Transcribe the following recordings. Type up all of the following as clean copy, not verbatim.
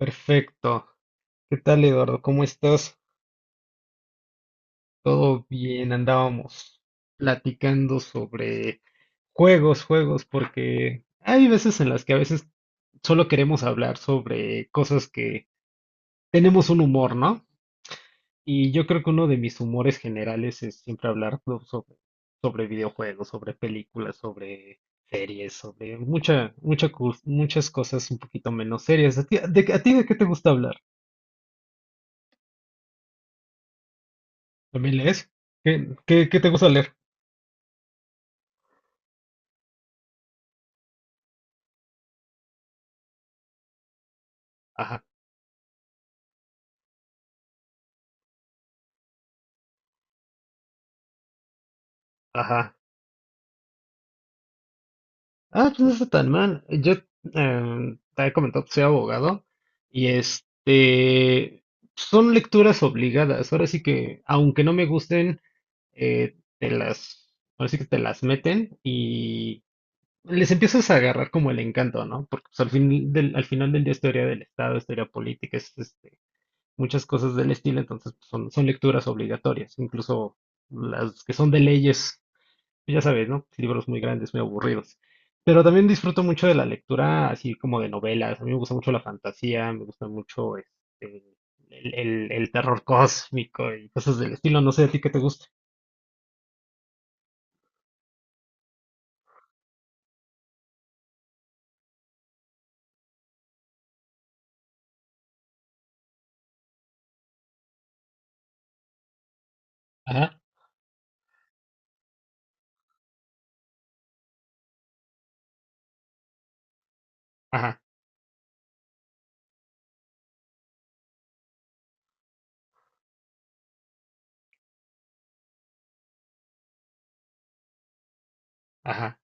Perfecto. ¿Qué tal, Eduardo? ¿Cómo estás? Todo bien, andábamos platicando sobre juegos, juegos, porque hay veces en las que a veces solo queremos hablar sobre cosas que tenemos un humor, ¿no? Y yo creo que uno de mis humores generales es siempre hablar, ¿no?, sobre videojuegos, sobre películas, sobre series, sobre mucha, mucha, muchas cosas un poquito menos serias. ¿A ti de qué te gusta hablar? ¿También lees? ¿Qué te gusta leer? Ajá, ajá. Ah, pues no está tan mal. Yo, te he comentado que soy abogado y este son lecturas obligadas. Ahora sí que, aunque no me gusten, eh, te las, ahora sí que te las meten y les empiezas a agarrar como el encanto, ¿no? Porque pues, al final del día es teoría del Estado, es teoría política, es este, muchas cosas del estilo, entonces pues, son lecturas obligatorias, incluso las que son de leyes. Ya sabes, ¿no? Libros muy grandes, muy aburridos. Pero también disfruto mucho de la lectura, así como de novelas. A mí me gusta mucho la fantasía, me gusta mucho este, el terror cósmico y cosas del estilo. No sé a ti qué te gusta. Ajá, ajá, ajá.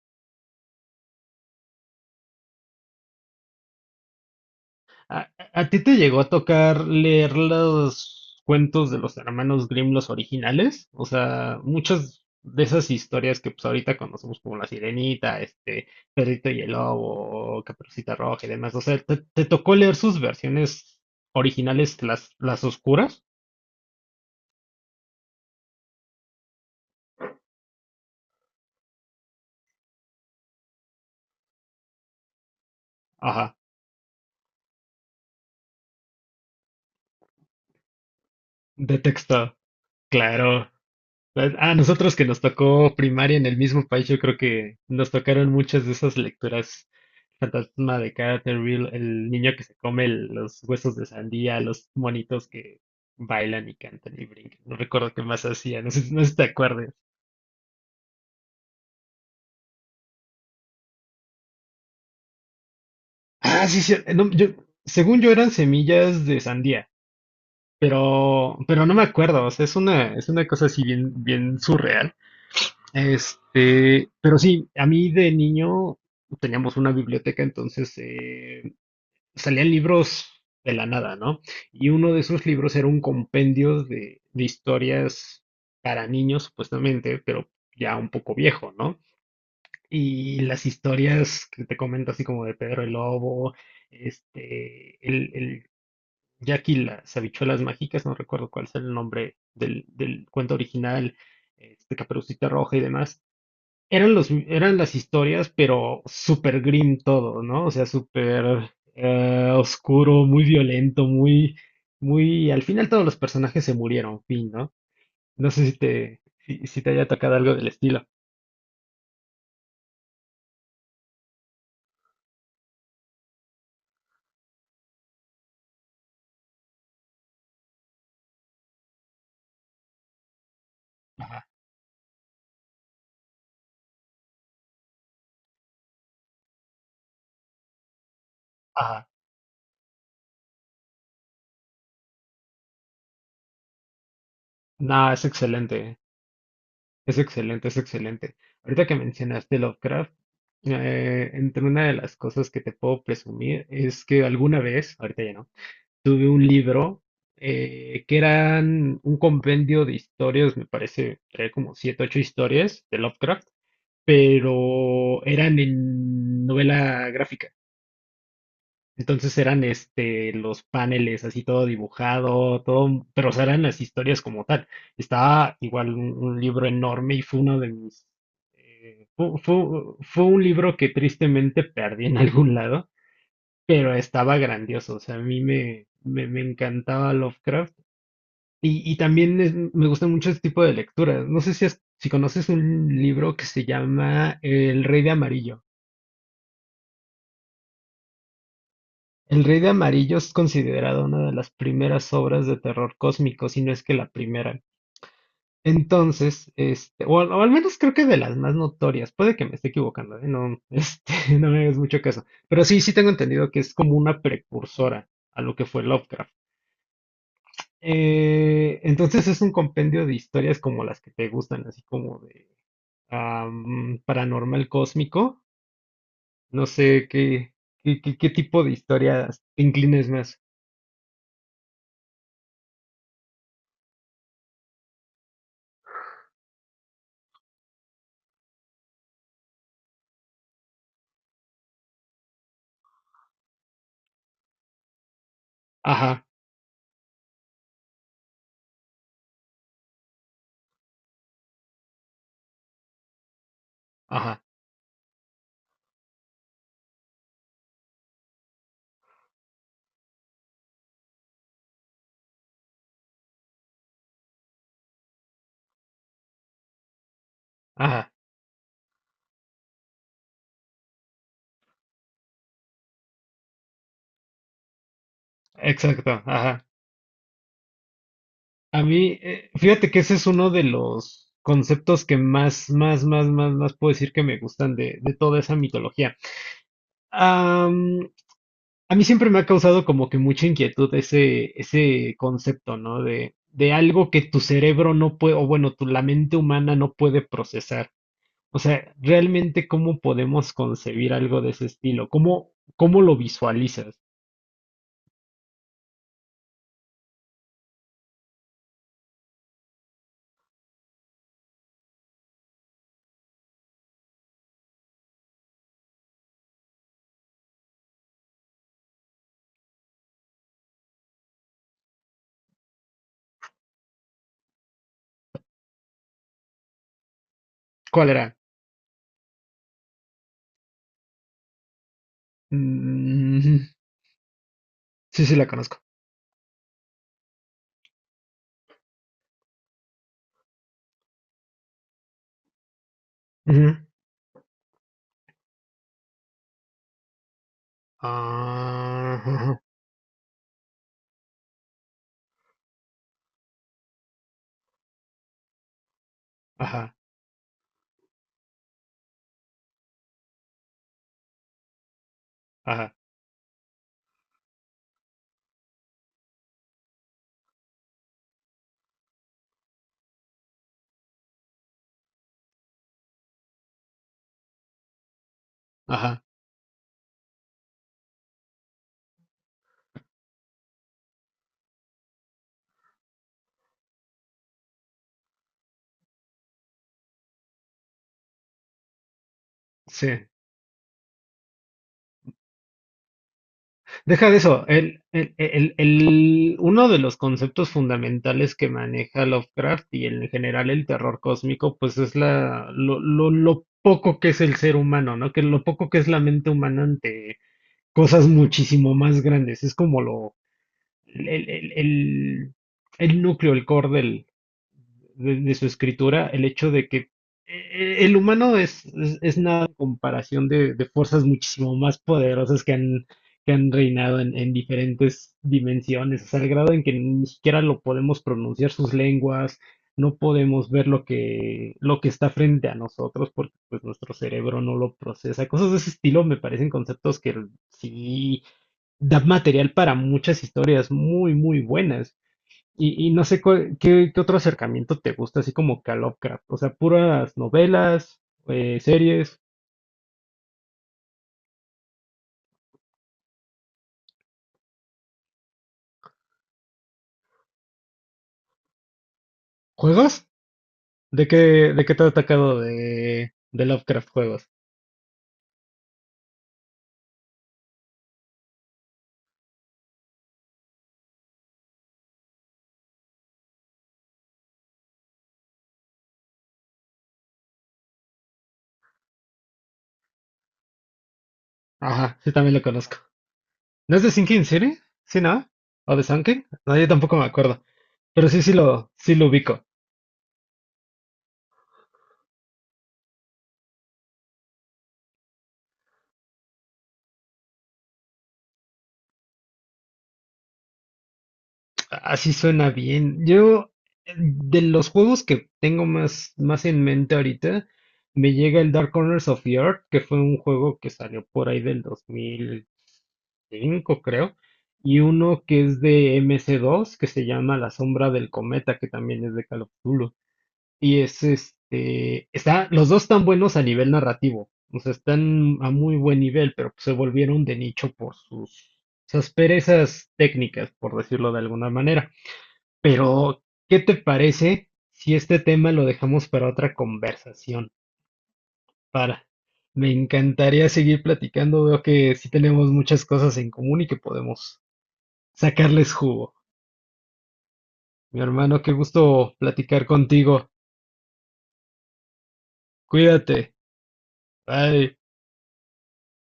¿A ti te llegó a tocar leer los cuentos de los hermanos Grimm, los originales? O sea, muchas de esas historias que pues ahorita conocemos como La Sirenita, este, Perrito y el Lobo, Caperucita Roja y demás. O sea, ¿te tocó leer sus versiones originales, las oscuras? Ajá, de texto, claro. Pues, a nosotros que nos tocó primaria en el mismo país, yo creo que nos tocaron muchas de esas lecturas. Fantasma de Canterville, el niño que se come los huesos de sandía, los monitos que bailan y cantan y brincan. No recuerdo qué más hacía, no sé, no sé si te acuerdas. Ah, sí, sí, no, yo, según yo eran semillas de sandía, pero no me acuerdo, o sea, es una cosa así bien, bien surreal. Este, pero sí, a mí de niño teníamos una biblioteca, entonces salían libros de la nada, ¿no? Y uno de esos libros era un compendio de historias para niños, supuestamente, pero ya un poco viejo, ¿no? Y las historias que te comento, así como de Pedro el Lobo, este, el Jack y las habichuelas mágicas, no recuerdo cuál es el nombre del cuento original, este, Caperucita Roja y demás, eran las historias, pero súper grim todo, ¿no? O sea, súper oscuro, muy violento, muy, muy. Al final todos los personajes se murieron, fin, ¿no? No sé si te haya tocado algo del estilo. Ajá, ajá. No, es excelente, es excelente, es excelente. Ahorita que mencionaste Lovecraft, entre una de las cosas que te puedo presumir es que alguna vez, ahorita ya no, tuve un libro, que eran un compendio de historias, me parece, traía como siete, ocho historias de Lovecraft, pero eran en novela gráfica. Entonces eran este los paneles así todo dibujado, todo, pero o sea, eran las historias como tal. Estaba igual un libro enorme y fue uno de mis, un libro que tristemente perdí en algún lado, pero estaba grandioso. O sea, a mí me encantaba Lovecraft y, también me gustan mucho este tipo de lecturas. No sé si, si conoces un libro que se llama El Rey de Amarillo. El Rey de Amarillo es considerado una de las primeras obras de terror cósmico, si no es que la primera. Entonces, este, o al menos creo que de las más notorias. Puede que me esté equivocando, ¿eh? No, este, no me hagas mucho caso. Pero sí, sí tengo entendido que es como una precursora a lo que fue Lovecraft. Entonces es un compendio de historias como las que te gustan, así como de paranormal cósmico. No sé qué tipo de historias te inclines más. Ajá, ajá, ajá, exacto, ajá. A mí, fíjate que ese es uno de los conceptos que más, más, más, más, más puedo decir que me gustan de toda esa mitología. Am, a mí siempre me ha causado como que mucha inquietud ese concepto, ¿no? De algo que tu cerebro no puede, o bueno, la mente humana no puede procesar. O sea, realmente, ¿cómo podemos concebir algo de ese estilo? ¿Cómo lo visualizas? ¿Cuál era? Mm, sí, sí, la conozco. Ujú. Ah, ajá, ajá, ajá. Sí, deja de eso. Uno de los conceptos fundamentales que maneja Lovecraft y en general el terror cósmico, pues es lo poco que es el ser humano, ¿no? Que lo poco que es la mente humana ante cosas muchísimo más grandes. Es como lo, el, el- el- el núcleo, el core de su escritura, el hecho de que el humano es nada en comparación de fuerzas muchísimo más poderosas que que han reinado en diferentes dimensiones, hasta el grado en que ni siquiera lo podemos pronunciar sus lenguas, no podemos ver lo que está frente a nosotros porque pues nuestro cerebro no lo procesa. Cosas de ese estilo me parecen conceptos que sí da material para muchas historias muy, muy buenas. Y no sé qué otro acercamiento te gusta, así como que a Lovecraft. O sea, puras novelas, series, juegos. ¿De qué, de qué te ha atacado de Lovecraft juegos? Ajá, sí, también lo conozco. ¿No es de Sinking City? ¿Sí, no? ¿O de Sunken? No, yo tampoco me acuerdo. Pero sí, sí lo ubico. Así suena bien. Yo, de los juegos que tengo más, más en mente ahorita, me llega el Dark Corners of the Earth, que fue un juego que salió por ahí del 2005, creo, y uno que es de MC2, que se llama La Sombra del Cometa, que también es de Call of Cthulhu. Y es este, está, los dos están buenos a nivel narrativo, o sea, están a muy buen nivel, pero pues se volvieron de nicho por sus perezas técnicas, por decirlo de alguna manera. Pero, ¿qué te parece si este tema lo dejamos para otra conversación? Para, Me encantaría seguir platicando. Veo que sí tenemos muchas cosas en común y que podemos sacarles jugo. Mi hermano, qué gusto platicar contigo. Cuídate. Bye.